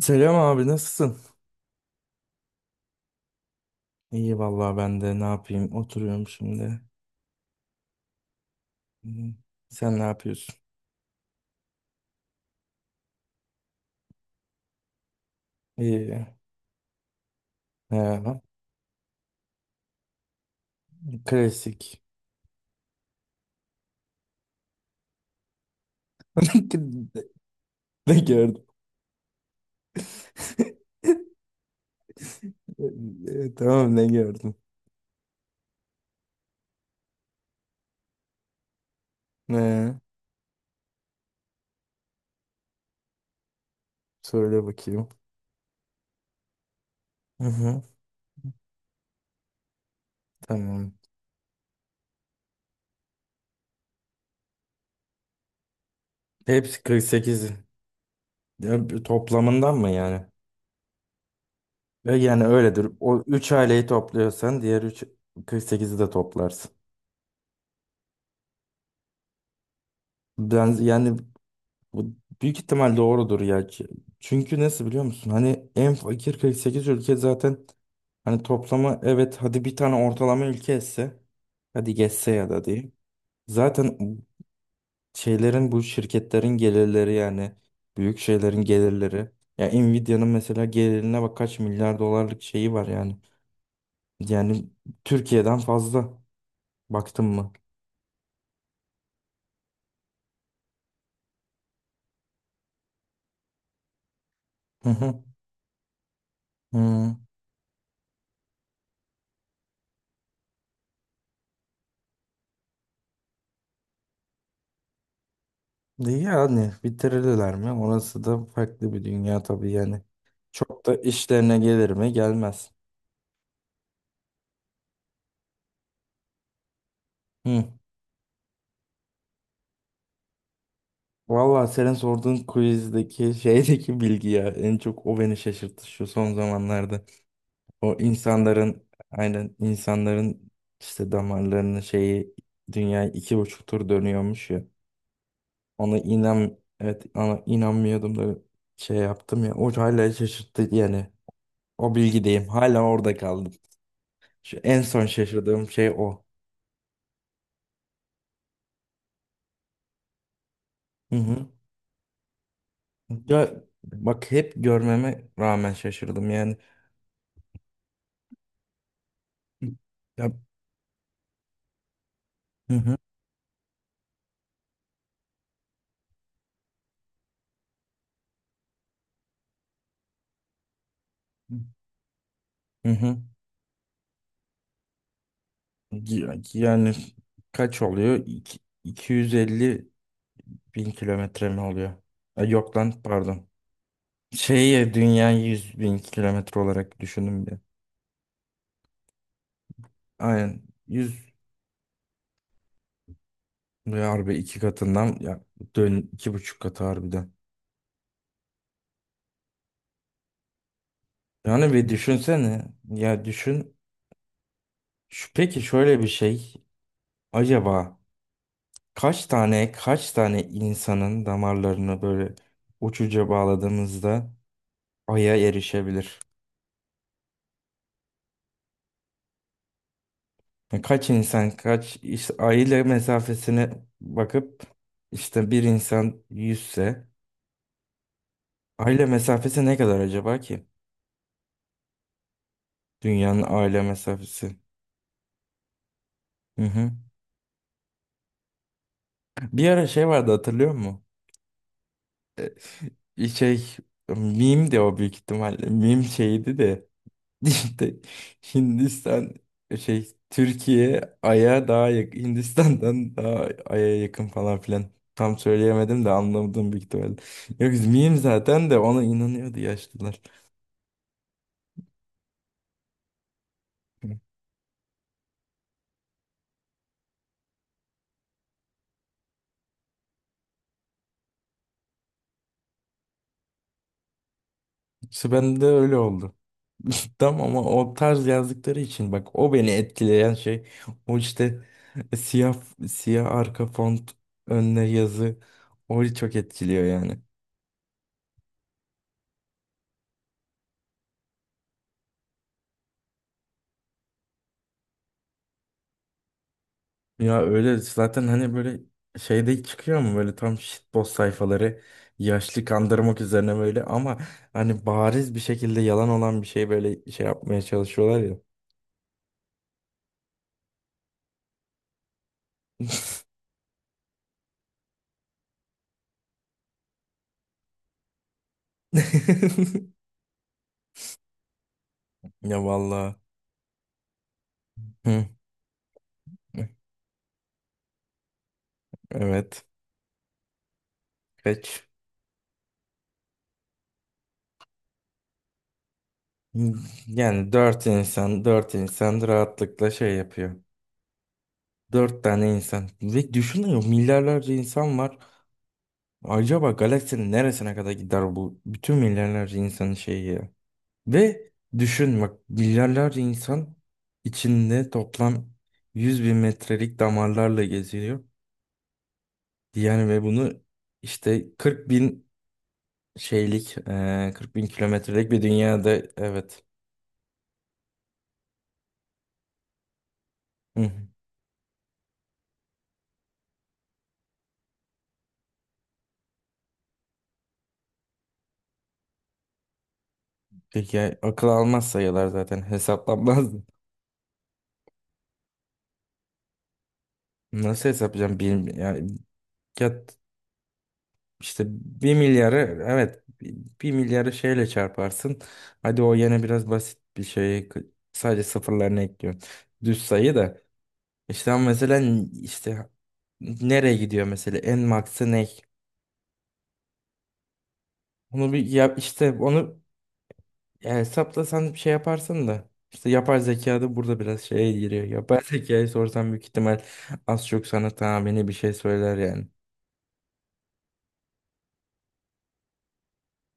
Selam abi, nasılsın? İyi vallahi, ben de ne yapayım, oturuyorum şimdi. Hı. Sen ne yapıyorsun? İyi. He, klasik. Ne gördüm? Tamam, ne gördün? Ne? Söyle bakayım. Hı hı, tamam. Hepsi 48. Ya, bir toplamından mı yani? Yani öyledir. O 3 aileyi topluyorsan diğer 3 48'i de toplarsın. Ben yani, bu büyük ihtimal doğrudur ya. Çünkü nasıl biliyor musun? Hani en fakir 48 ülke zaten, hani toplamı, evet, hadi bir tane ortalama ülke etse, hadi geçse ya da diyeyim. Zaten şeylerin, bu şirketlerin gelirleri yani, büyük şeylerin gelirleri. Ya Nvidia'nın mesela gelirine bak, kaç milyar dolarlık şeyi var yani. Yani Türkiye'den fazla, baktın mı? Hı hı. Hı. Yani bitirirler mi? Orası da farklı bir dünya tabii yani. Çok da işlerine gelir mi? Gelmez. Hı. Valla senin sorduğun quizdeki şeydeki bilgi ya, en çok o beni şaşırttı şu son zamanlarda. O insanların, aynen, insanların işte damarlarının şeyi, dünya iki buçuk tur dönüyormuş ya. Ona inan, evet, ona inanmıyordum da şey yaptım ya. O hala şaşırttı yani. O bilgideyim. Hala orada kaldım. Şu en son şaşırdığım şey o. Hı hı. Ya bak, hep görmeme rağmen şaşırdım yani. Ya hı hı. Hı hı. Yani kaç oluyor? 250 bin kilometre mi oluyor? Ha, yok lan pardon. Şeyi, dünya 100 bin kilometre olarak düşündüm bir. Aynen, 100. Ve harbi iki katından ya, dön iki buçuk katı harbiden. Yani bir düşünsene, ya düşün. Şu, peki şöyle bir şey, acaba kaç tane kaç tane insanın damarlarını böyle uçuca bağladığımızda aya erişebilir? Yani kaç insan, kaç işte ay ile mesafesine bakıp, işte bir insan yüzse aile mesafesi ne kadar acaba ki? Dünyanın aile mesafesi. Hı hı. Bir ara şey vardı, hatırlıyor musun? Şey, meme de, o büyük ihtimalle meme şeydi de, İşte Hindistan, şey, Türkiye Ay'a daha yakın Hindistan'dan, daha Ay'a yakın falan filan. Tam söyleyemedim de, anlamadım büyük ihtimalle. Yok miyim zaten, de ona inanıyordu yaşlılar. İşte ben de öyle oldu. Tam ama o tarz yazdıkları için bak, o beni etkileyen şey, o işte siyah, siyah arka font, önüne yazı, o çok etkiliyor yani. Ya öyle zaten, hani böyle şeyde çıkıyor mu böyle, tam shitpost sayfaları, yaşlı kandırmak üzerine böyle, ama hani bariz bir şekilde yalan olan bir şey, böyle şey yapmaya çalışıyorlar ya. Ya vallahi. Hı, evet. Kaç? Yani dört insan, dört insan rahatlıkla şey yapıyor. Dört tane insan. Ve düşünüyor, milyarlarca insan var. Acaba galaksinin neresine kadar gider bu bütün milyarlarca insanın şeyi ya? Ve düşün bak, milyarlarca insan içinde toplam 100 bin metrelik damarlarla geziliyor. Yani ve bunu işte 40 bin şeylik, 40 bin kilometrelik bir dünyada, evet. Hı hı. Peki ya, akıl almaz sayılar zaten, hesaplanmaz. Nasıl hesaplayacağım? Bir, yani, ya, işte bir milyarı, evet, bir milyarı şeyle çarparsın. Hadi o yine biraz basit bir şey, sadece sıfırlarını ekliyorsun. Düz sayı da. İşte ama mesela işte nereye gidiyor mesela, en maksı ne? Onu bir yap işte, onu ya hesaplasan bir şey yaparsın da. İşte yapar, zeka da burada biraz şeye giriyor. Yapay zekayı sorsan büyük ihtimal az çok sana tahmini bir şey söyler yani.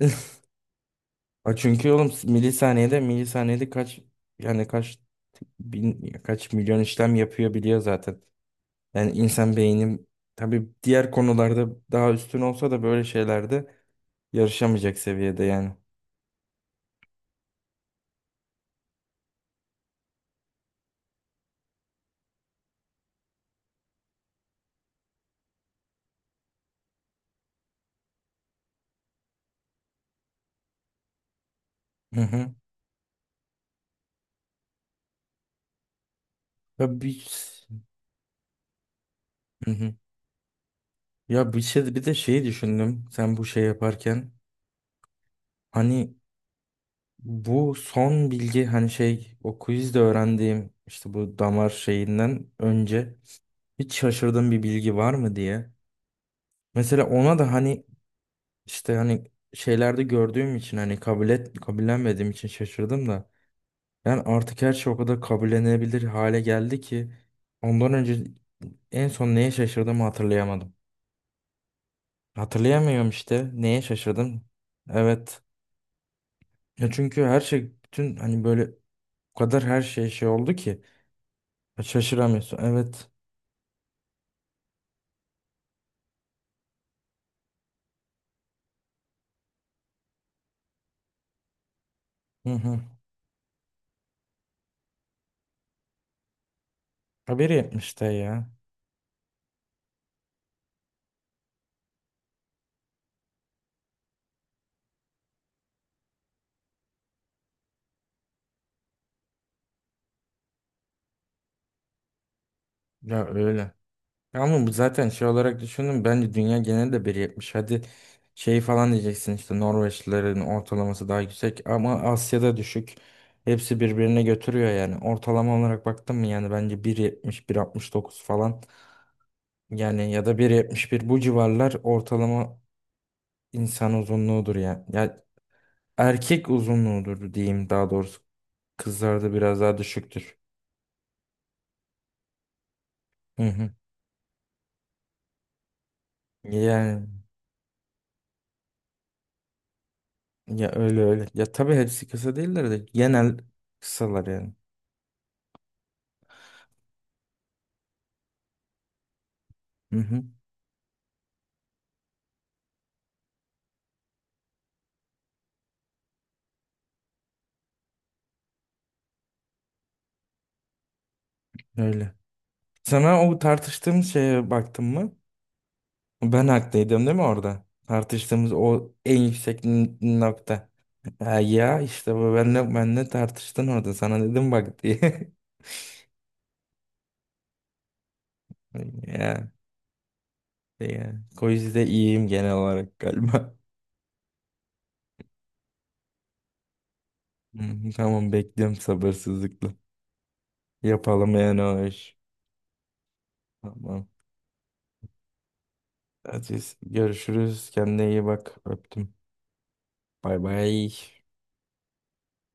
Ha, çünkü oğlum milisaniyede, milisaniyede kaç, yani kaç bin, kaç milyon işlem yapıyor, biliyor zaten. Yani insan beyni, tabii diğer konularda daha üstün olsa da böyle şeylerde yarışamayacak seviyede yani. Hı hı. Ya bir, hı hı. Ya bir şey, bir de şeyi düşündüm. Sen bu şey yaparken, hani bu son bilgi, hani şey, o quizde öğrendiğim işte bu damar şeyinden önce hiç şaşırdığım bir bilgi var mı diye. Mesela ona da hani işte, hani şeylerde gördüğüm için, hani kabul et, kabullenmediğim için şaşırdım da. Yani artık her şey o kadar kabullenebilir hale geldi ki, ondan önce en son neye şaşırdığımı hatırlayamadım. Hatırlayamıyorum işte. Neye şaşırdım? Evet. Ya çünkü her şey, bütün, hani böyle o kadar her şey şey oldu ki, şaşıramıyorsun. Evet. Hı hı. Haberi yapmış da ya. Ya öyle. Ya ama bu zaten şey olarak düşündüm. Bence dünya genelinde biri yetmiş. Hadi şey falan diyeceksin işte, Norveçlilerin ortalaması daha yüksek ama Asya'da düşük. Hepsi birbirine götürüyor yani. Ortalama olarak baktım mı, yani bence bir, bir yetmiş, bir altmış dokuz falan. Yani ya da bir yetmiş bir, bu civarlar ortalama insan uzunluğudur yani. Ya, erkek uzunluğudur diyeyim daha doğrusu. Kızlarda biraz daha düşüktür. Hı hı. Yani ya, öyle öyle. Ya tabii hepsi kısa değiller de genel kısalar yani. Hı hı. Öyle. Sana o tartıştığımız şeye baktın mı? Ben haklıydım değil mi orada? Tartıştığımız o en yüksek nokta. Ha, ya işte bu, benle tartıştın orada, sana dedim bak diye. Ya. Yani. Quiz'de iyiyim genel olarak galiba. Hmm, tamam, bekliyorum sabırsızlıkla. Yapalım yani o iş. Tamam. Hadi görüşürüz. Kendine iyi bak. Öptüm. Bay bay.